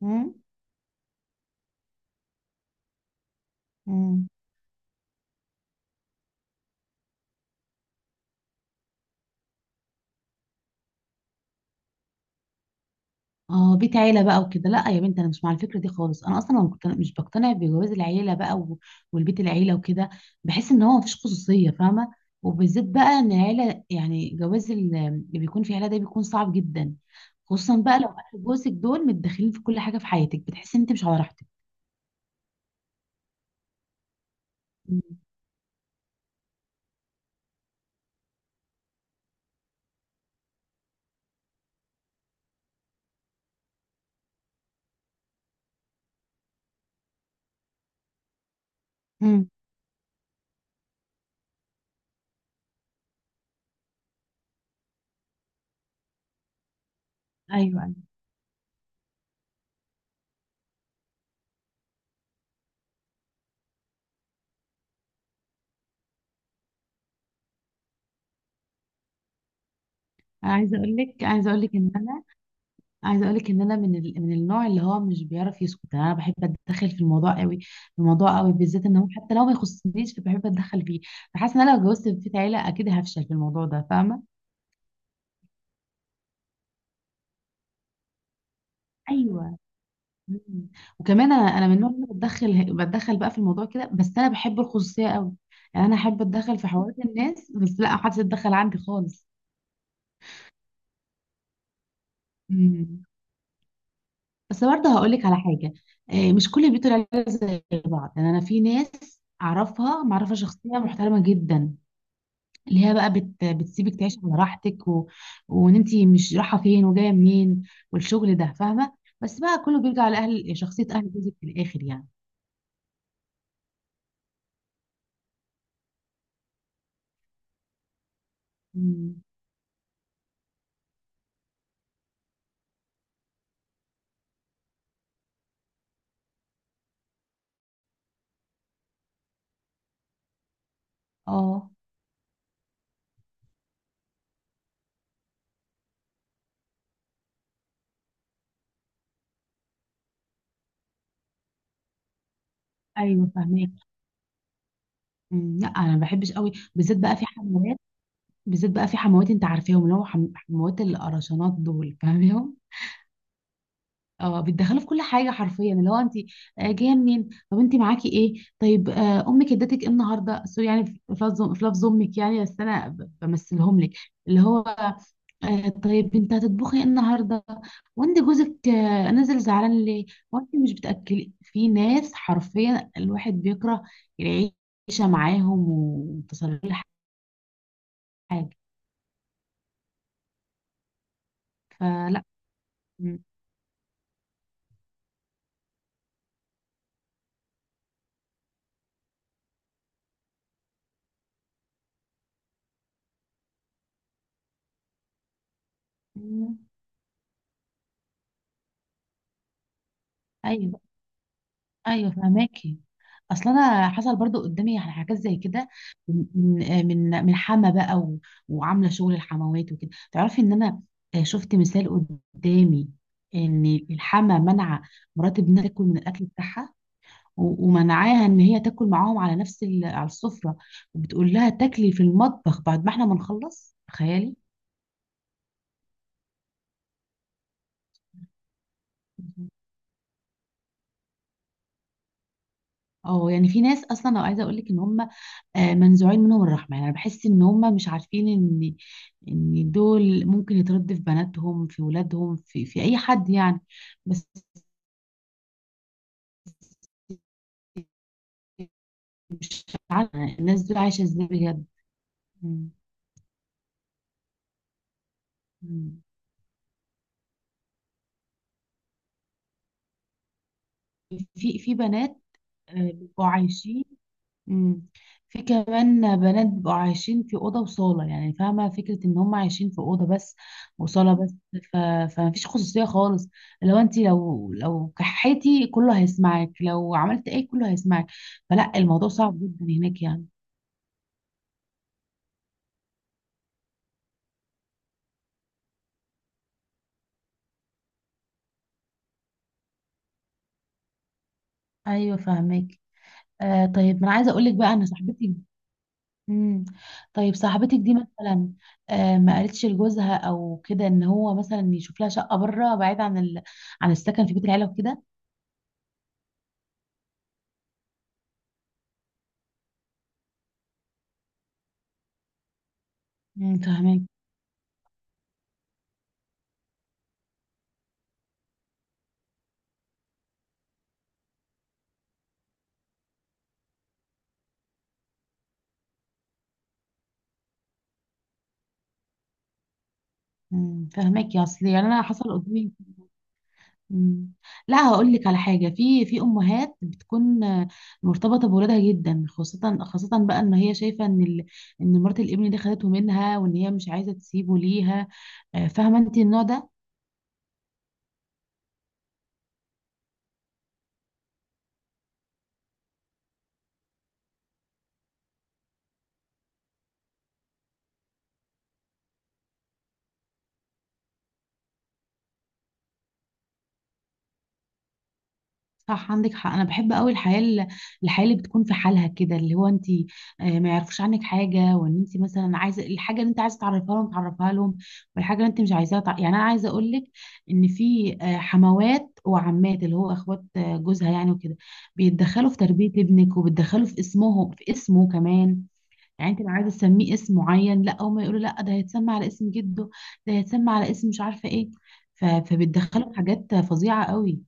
مم. مم. اه، بيت عيله بقى وكده، لا يا بنت، انا مش مع الفكره دي خالص. انا اصلا ما مقتن- مش بقتنع بجواز العيله بقى والبيت العيله وكده. بحس ان هو مفيش خصوصيه، فاهمه. وبالذات بقى ان العيله، يعني جواز اللي بيكون في عيله ده بيكون صعب جدا. خصوصا بقى لو اهل جوزك دول متدخلين في كل حاجه في حياتك، بتحس ان انت مش على راحتك. مم. مم. ايوه، ايوه. انا عايزه اقولك ان انا من النوع اللي هو مش بيعرف يسكت، انا بحب اتدخل في الموضوع قوي. بالذات ان هو حتى لو ما يخصنيش بحب اتدخل فيه. فحاسه ان انا لو اتجوزت في بيت عيله اكيد هفشل في الموضوع ده، فاهمه. ايوه. مم. وكمان انا من النوع اللي بتدخل بتدخل بقى في الموضوع كده، بس انا بحب الخصوصيه قوي. يعني انا احب اتدخل في حوارات الناس، بس لا، محدش يتدخل عندي خالص. مم. بس برضه هقول لك على حاجه، مش كل بيوت العيله زي بعض، يعني انا في ناس اعرفها معرفه شخصيه محترمه جدا، اللي هي بقى بتسيبك تعيش على راحتك وان انت مش رايحه فين وجايه منين والشغل ده، فاهمه. بس بقى كله بيرجع لاهل، شخصيه اهل جوزك في الاخر يعني. مم. اه. ايوه فاهمك. مم، لا انا ما بحبش قوي بالذات بقى في حموات، بالذات بقى في حموات انت عارفاهم، اللي هو حموات القرشانات دول، فاهمهم. اه، بيتدخلوا في كل حاجه حرفيا، اللي هو انت جايه منين؟ طب انت معاكي ايه؟ طيب امك ادتك ايه النهارده؟ سوري يعني في لفظ، في لفظ امك يعني، بس انا بمثلهم لك. اللي هو طيب انت هتطبخي ايه النهارده؟ وانت جوزك نازل زعلان ليه؟ وانت مش بتاكلي؟ في ناس حرفيا الواحد بيكره العيشه معاهم، وتصل كل حاجه. فلا. م- م- ايوه، ايوه فهماكي. اصل انا حصل برضو قدامي يعني حاجات زي كده، من من حما بقى وعامله شغل الحموات وكده. تعرفي ان انا شفت مثال قدامي، ان الحما منع مرات ابنها تاكل من الاكل بتاعها، ومنعاها ان هي تاكل معاهم على نفس على السفره. وبتقول لها تاكلي في المطبخ بعد ما احنا ما نخلص، تخيلي. مهم. اه، يعني في ناس اصلا، لو عايزه اقول لك ان هم منزوعين منهم الرحمه، يعني انا بحس ان هم مش عارفين ان ان دول ممكن يتردوا في بناتهم، في ولادهم، في اي حد يعني، بس. مش عارفه الناس دول عايشه ازاي بجد. مم. مم. في بنات بيبقوا عايشين. مم. في كمان بنات بيبقوا عايشين في اوضه وصاله، يعني فاهمه فكره ان هم عايشين في اوضه بس وصاله بس. ف... فما فيش خصوصيه خالص. لو انت، لو كحيتي كله هيسمعك، لو عملت ايه كله هيسمعك. فلا، الموضوع صعب جدا هناك يعني. ايوه فاهمك. طيب ما انا عايزه اقول لك بقى ان صاحبتي. مم. طيب صاحبتك دي مثلا ما قالتش لجوزها او كده ان هو مثلا يشوف لها شقه بره، بعيد عن عن السكن في بيت العيله وكده؟ مم، فاهمك. مم، فهمك. يا اصل يعني انا حصل قدامي. مم. لا هقول لك على حاجه، في امهات بتكون مرتبطه بولادها جدا، خاصه بقى ان هي شايفه ان ان مرات الابن دي خدته منها، وان هي مش عايزه تسيبه ليها، فاهمه انت النوع ده. صح، عندك حق. انا بحب قوي الحياه الحياه اللي بتكون في حالها كده، اللي هو انت ما يعرفوش عنك حاجه، وان انت مثلا عايزه الحاجه اللي انت عايزه تعرفها لهم تعرفها لهم، والحاجه اللي انت مش عايزاها يعني انا عايزه اقول لك ان في حموات وعمات اللي هو اخوات جوزها يعني وكده بيتدخلوا في تربيه ابنك، وبيتدخلوا في اسمه، في اسمه كمان. يعني انت لو عايزه تسميه اسم معين، لا، هم يقولوا لا، ده هيتسمى على اسم جده، ده هيتسمى على اسم مش عارفه ايه. فبيتدخلوا في حاجات فظيعه قوي.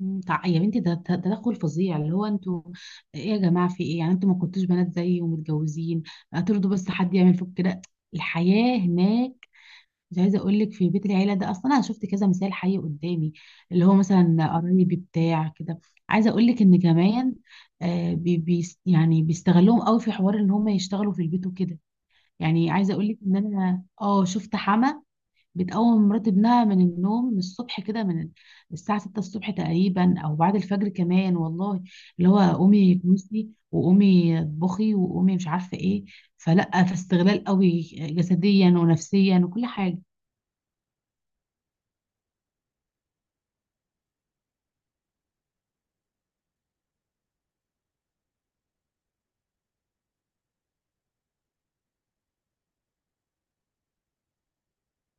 مم، يا بنتي ده تدخل فظيع، اللي هو انتوا ايه يا جماعه؟ في ايه يعني؟ انتوا ما كنتوش بنات زيي ومتجوزين؟ هترضوا بس حد يعمل فيكم كده؟ الحياه هناك، مش عايزه اقول لك، في بيت العيله ده اصلا، انا شفت كذا مثال حي قدامي، اللي هو مثلا قرايبي بتاع كده. عايزه اقول لك ان كمان بي بي يعني بيستغلوهم قوي في حوار ان هم يشتغلوا في البيت وكده. يعني عايزه اقول لك ان انا اه شفت حما بتقوم مرات ابنها من النوم من الصبح كده، من الساعة 6 الصبح تقريبا، أو بعد الفجر كمان، والله. اللي هو قومي كنسي، وقومي اطبخي، وقومي مش عارفة ايه. فلا، فاستغلال قوي جسديا ونفسيا وكل حاجة.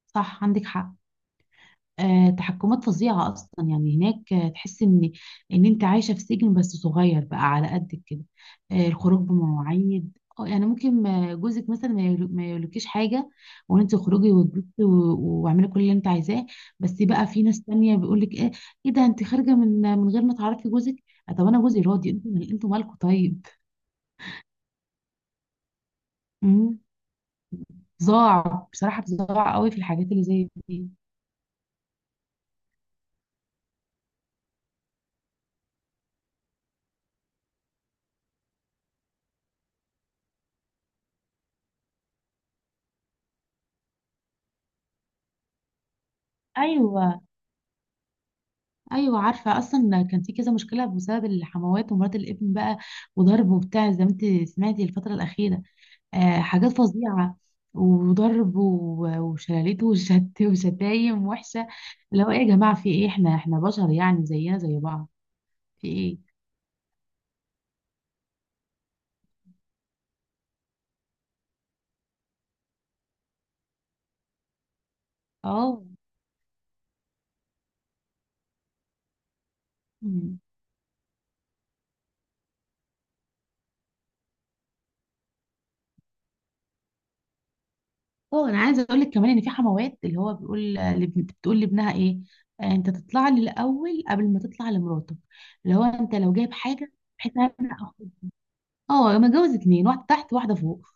صح، عندك حق. تحكمات فظيعة أصلا يعني هناك، تحس إن أنت عايشة في سجن، بس صغير بقى على قدك كده. الخروج بمواعيد، اه يعني ممكن جوزك مثلا ما يقولكيش حاجة، وأنت تخرجي وتبصي واعملي كل اللي أنت عايزاه. بس بقى في ناس تانية بيقولك إيه، إيه ده؟ أنت خارجة من غير ما تعرفي جوزك؟ طب أنا جوزي راضي، أنتوا مالكوا طيب؟ مم. ضاع بصراحة، بضاع قوي في الحاجات اللي زي دي. أيوه. ايوه عارفه، اصلا كان في كذا مشكله بسبب الحموات ومرات الابن بقى، وضرب وبتاع، زي ما انت سمعتي الفتره الاخيره. آه، حاجات فظيعه. وضرب وشلاليت وشت وشتايم وحشه. اللي هو ايه يا جماعه؟ في ايه؟ احنا بشر يعني، زينا زي بعض. في ايه؟ اه. مم. اه، انا عايزه اقول لك كمان ان في حموات اللي هو بتقول لابنها ايه، انت تطلع لي الاول قبل ما تطلع لمراتك. اللي هو انت لو جايب حاجه بحيث، انا اه متجوز اتنين، واحده تحت واحده فوق.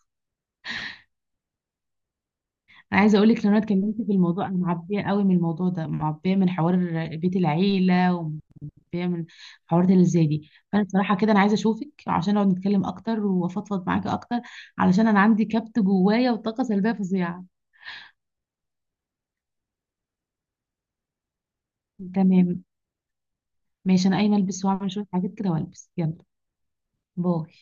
انا عايزه اقول لك، لو انا اتكلمت في الموضوع، انا معبيه قوي من الموضوع ده، معبيه من حوار بيت العيله، ومعبيه من حوارات اللي زي دي. فانا بصراحه كده انا عايزه اشوفك عشان نقعد نتكلم اكتر، وافضفض معاكي اكتر، علشان انا عندي كبت جوايا وطاقه سلبيه فظيعه. تمام. ماشي، انا قايمه البس واعمل شويه حاجات كده والبس. يلا. باي.